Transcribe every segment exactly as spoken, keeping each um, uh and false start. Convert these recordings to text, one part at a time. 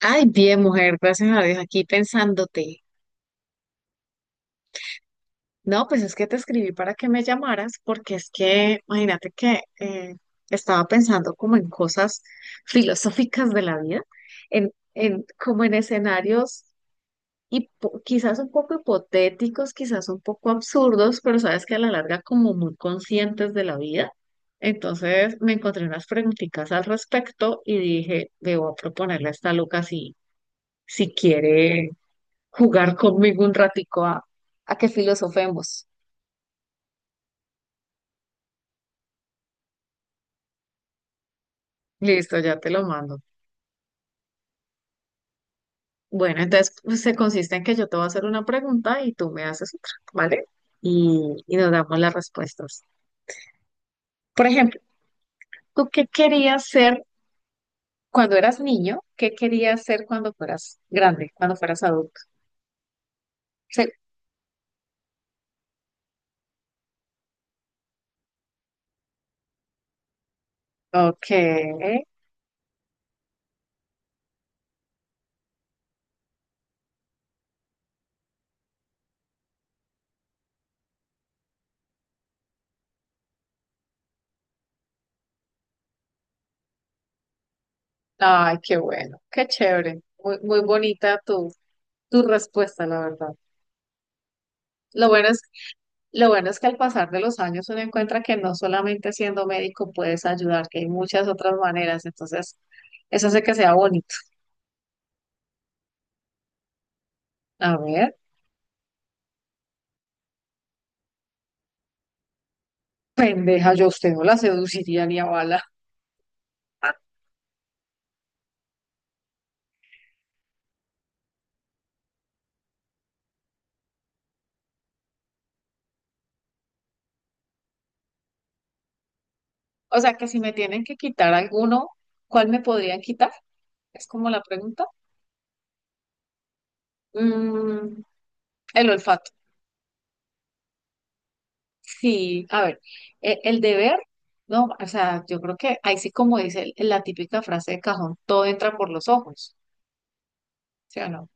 Ay, bien, mujer, gracias a Dios, aquí pensándote. No, pues es que te escribí para que me llamaras, porque es que, imagínate que eh, estaba pensando como en cosas filosóficas de la vida, en, en, como en escenarios hipo- quizás un poco hipotéticos, quizás un poco absurdos, pero sabes que a la larga como muy conscientes de la vida. Entonces me encontré unas preguntitas al respecto y dije, debo proponerle a esta loca si, si quiere jugar conmigo un ratico a, a que filosofemos. Listo, ya te lo mando. Bueno, entonces pues, se consiste en que yo te voy a hacer una pregunta y tú me haces otra, ¿vale? Y, y nos damos las respuestas. Por ejemplo, ¿tú qué querías ser cuando eras niño? ¿Qué querías ser cuando fueras grande, cuando fueras adulto? Sí. Ok. Ay, qué bueno, qué chévere. Muy, muy bonita tu, tu respuesta, la verdad. Lo bueno es Lo bueno es que al pasar de los años uno encuentra que no solamente siendo médico puedes ayudar, que hay muchas otras maneras. Entonces, eso hace que sea bonito. A ver, pendeja, yo a usted no la seduciría ni a bala. O sea, que si me tienen que quitar alguno, ¿cuál me podrían quitar? Es como la pregunta. Mm, el olfato. Sí, a ver, e- el deber, no, o sea, yo creo que ahí sí como dice la típica frase de cajón, todo entra por los ojos, ¿sí o no?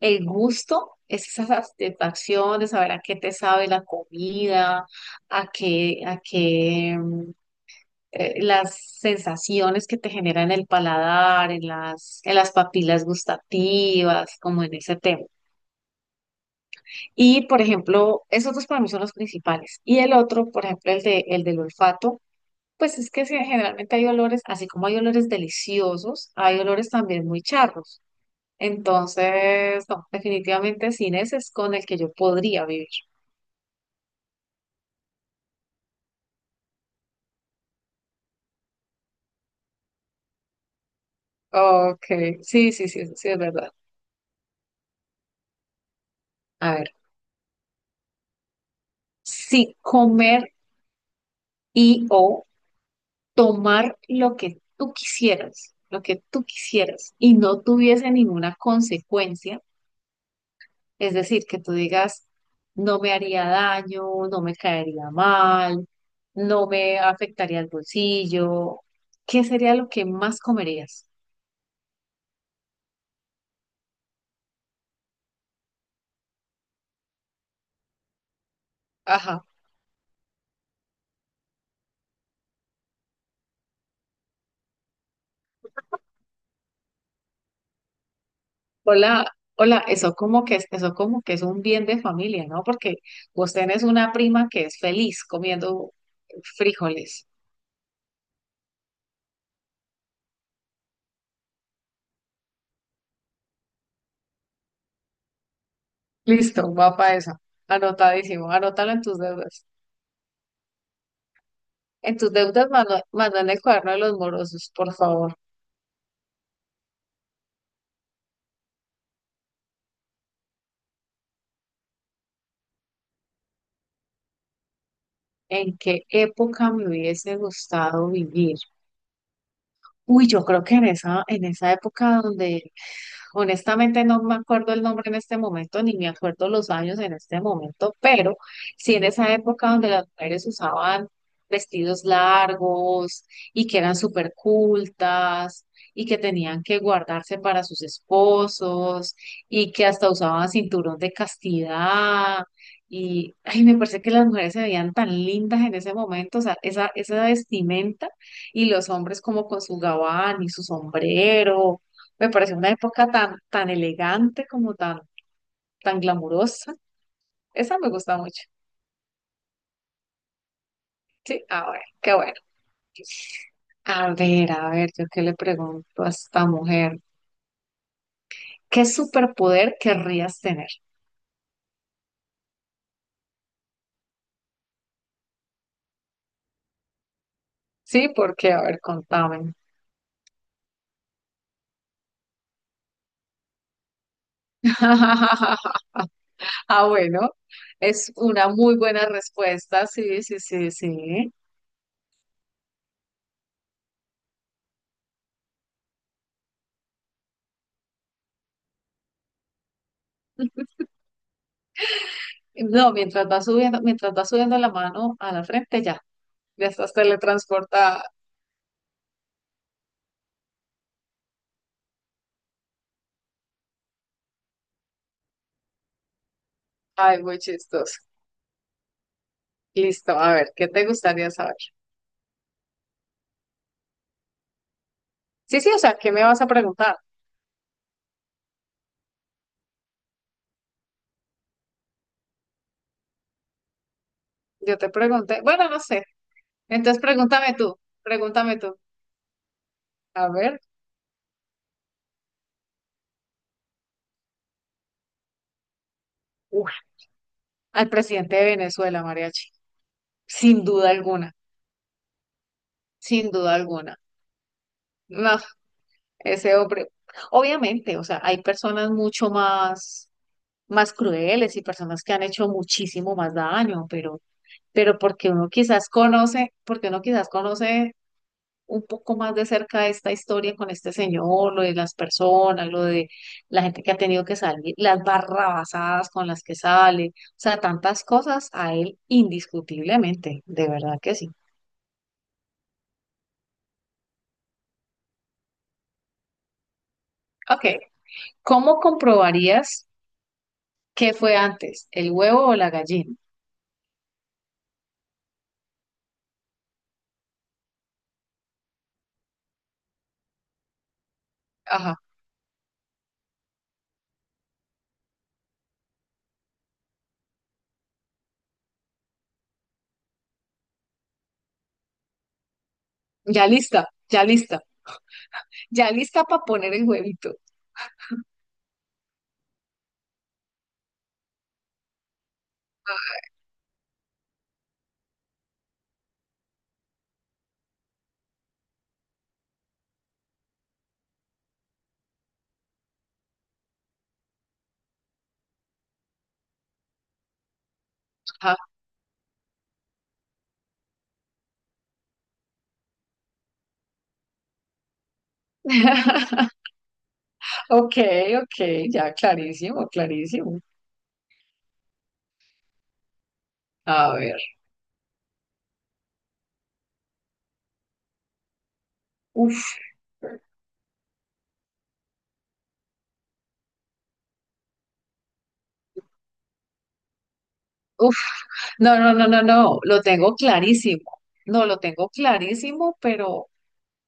El gusto es esa satisfacción de saber a qué te sabe la comida, a qué, a qué mm, eh, las sensaciones que te generan el paladar, en las, en las papilas gustativas, como en ese tema. Y, por ejemplo, esos dos para mí son los principales. Y el otro, por ejemplo, el de, el del olfato. Pues es que sí, generalmente hay olores, así como hay olores deliciosos, hay olores también muy charros. Entonces, no, definitivamente sin ese es con el que yo podría vivir. Ok, sí, sí, sí, eso sí es verdad. A ver, si comer y o tomar lo que tú quisieras, lo que tú quisieras y no tuviese ninguna consecuencia, es decir, que tú digas, no me haría daño, no me caería mal, no me afectaría el bolsillo, ¿qué sería lo que más comerías? Hola, hola, eso como que es, eso como que es un bien de familia, ¿no? Porque vos tenés una prima que es feliz comiendo frijoles. Listo, va para eso. Anotadísimo, anótalo en tus deudas. En tus deudas, manda, manda en el cuaderno de los morosos, por favor. ¿En qué época me hubiese gustado vivir? Uy, yo creo que en esa, en esa época donde honestamente no me acuerdo el nombre en este momento, ni me acuerdo los años en este momento, pero sí en esa época donde las mujeres usaban vestidos largos y que eran súper cultas y que tenían que guardarse para sus esposos y que hasta usaban cinturón de castidad. Y ay, me parece que las mujeres se veían tan lindas en ese momento, o sea, esa, esa vestimenta y los hombres como con su gabán y su sombrero me parece una época tan, tan elegante como tan, tan glamurosa. Esa me gusta mucho. Sí, a ver, qué bueno. A ver, a ver, yo qué le pregunto a esta mujer. ¿Qué superpoder querrías tener? Sí, porque, a ver, contame. Ah, bueno, es una muy buena respuesta. Sí, sí, sí, sí. No, mientras vas subiendo, mientras vas subiendo la mano a la frente, ya, ya estás teletransportada. Ay, muy chistoso. Listo, a ver, ¿qué te gustaría saber? Sí, sí, o sea, ¿qué me vas a preguntar? Yo te pregunté, bueno, no sé. Entonces pregúntame tú, pregúntame tú. A ver, uf, al presidente de Venezuela, Mariachi. Sin duda alguna, sin duda alguna. No, ese hombre. Obviamente, o sea, hay personas mucho más, más crueles y personas que han hecho muchísimo más daño, pero, pero porque uno quizás conoce, porque uno quizás conoce un poco más de cerca esta historia con este señor, lo de las personas, lo de la gente que ha tenido que salir, las barrabasadas con las que sale, o sea, tantas cosas a él indiscutiblemente, de verdad que sí. Ok, ¿cómo comprobarías qué fue antes, el huevo o la gallina? Ajá, ya lista, ya lista, ya lista para poner el huevito. Ajá. Ok, ok, ya clarísimo, clarísimo. A ver, uff. No, no, no, no, no, lo tengo clarísimo. No, lo tengo clarísimo, pero,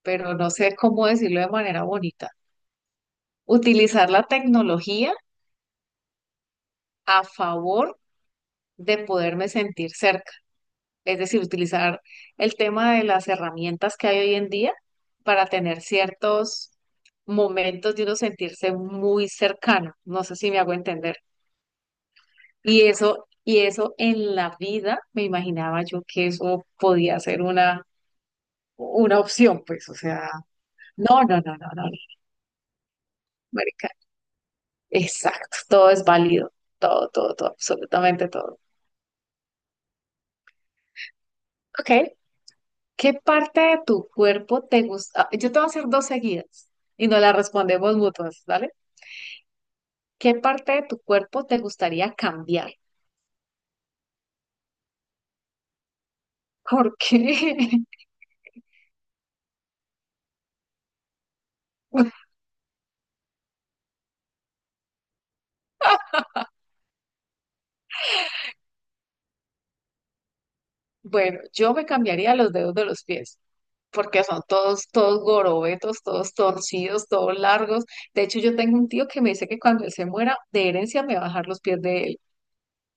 pero no sé cómo decirlo de manera bonita. Utilizar la tecnología a favor de poderme sentir cerca. Es decir, utilizar el tema de las herramientas que hay hoy en día para tener ciertos momentos de uno sentirse muy cercano. No sé si me hago entender. Y eso, y eso en la vida me imaginaba yo que eso podía ser una, una opción, pues, o sea. No, no, no, no, no, no, marica. Exacto, todo es válido, todo, todo, todo, absolutamente todo. Ok, ¿qué parte de tu cuerpo te gusta? Ah, yo te voy a hacer dos seguidas y nos las respondemos mutuas, ¿vale? ¿Qué parte de tu cuerpo te gustaría cambiar? ¿Por qué? Bueno, yo me cambiaría los dedos de los pies, porque son todos, todos gorobetos, todos torcidos, todos largos. De hecho, yo tengo un tío que me dice que cuando él se muera, de herencia me va a dejar los pies de él.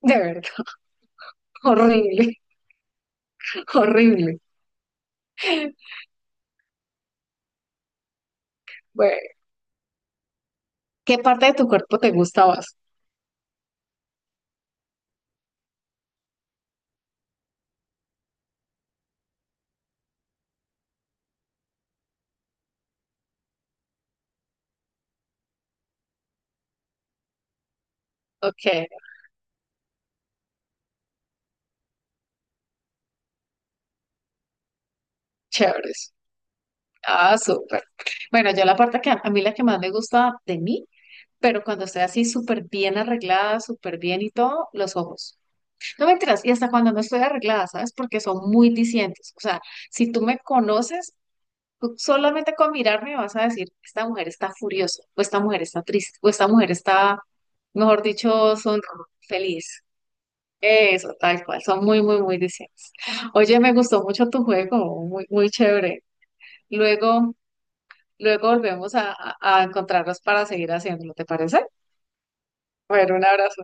De verdad, horrible. Horrible. Bueno, ¿qué parte de tu cuerpo te gusta más? Ok, chéveres. Ah, súper. Bueno, yo la parte que a a mí la que más me gusta de mí, pero cuando estoy así súper bien arreglada, súper bien y todo, los ojos. No mentiras, y hasta cuando no estoy arreglada, ¿sabes? Porque son muy discientes. O sea, si tú me conoces, tú solamente con mirarme vas a decir, esta mujer está furiosa, o esta mujer está triste, o esta mujer está, mejor dicho, son feliz. Eso, tal cual, son muy, muy, muy distintos. Oye, me gustó mucho tu juego, muy, muy chévere. Luego, luego volvemos a, a a encontrarnos para seguir haciéndolo, ¿te parece? Bueno, un abrazo.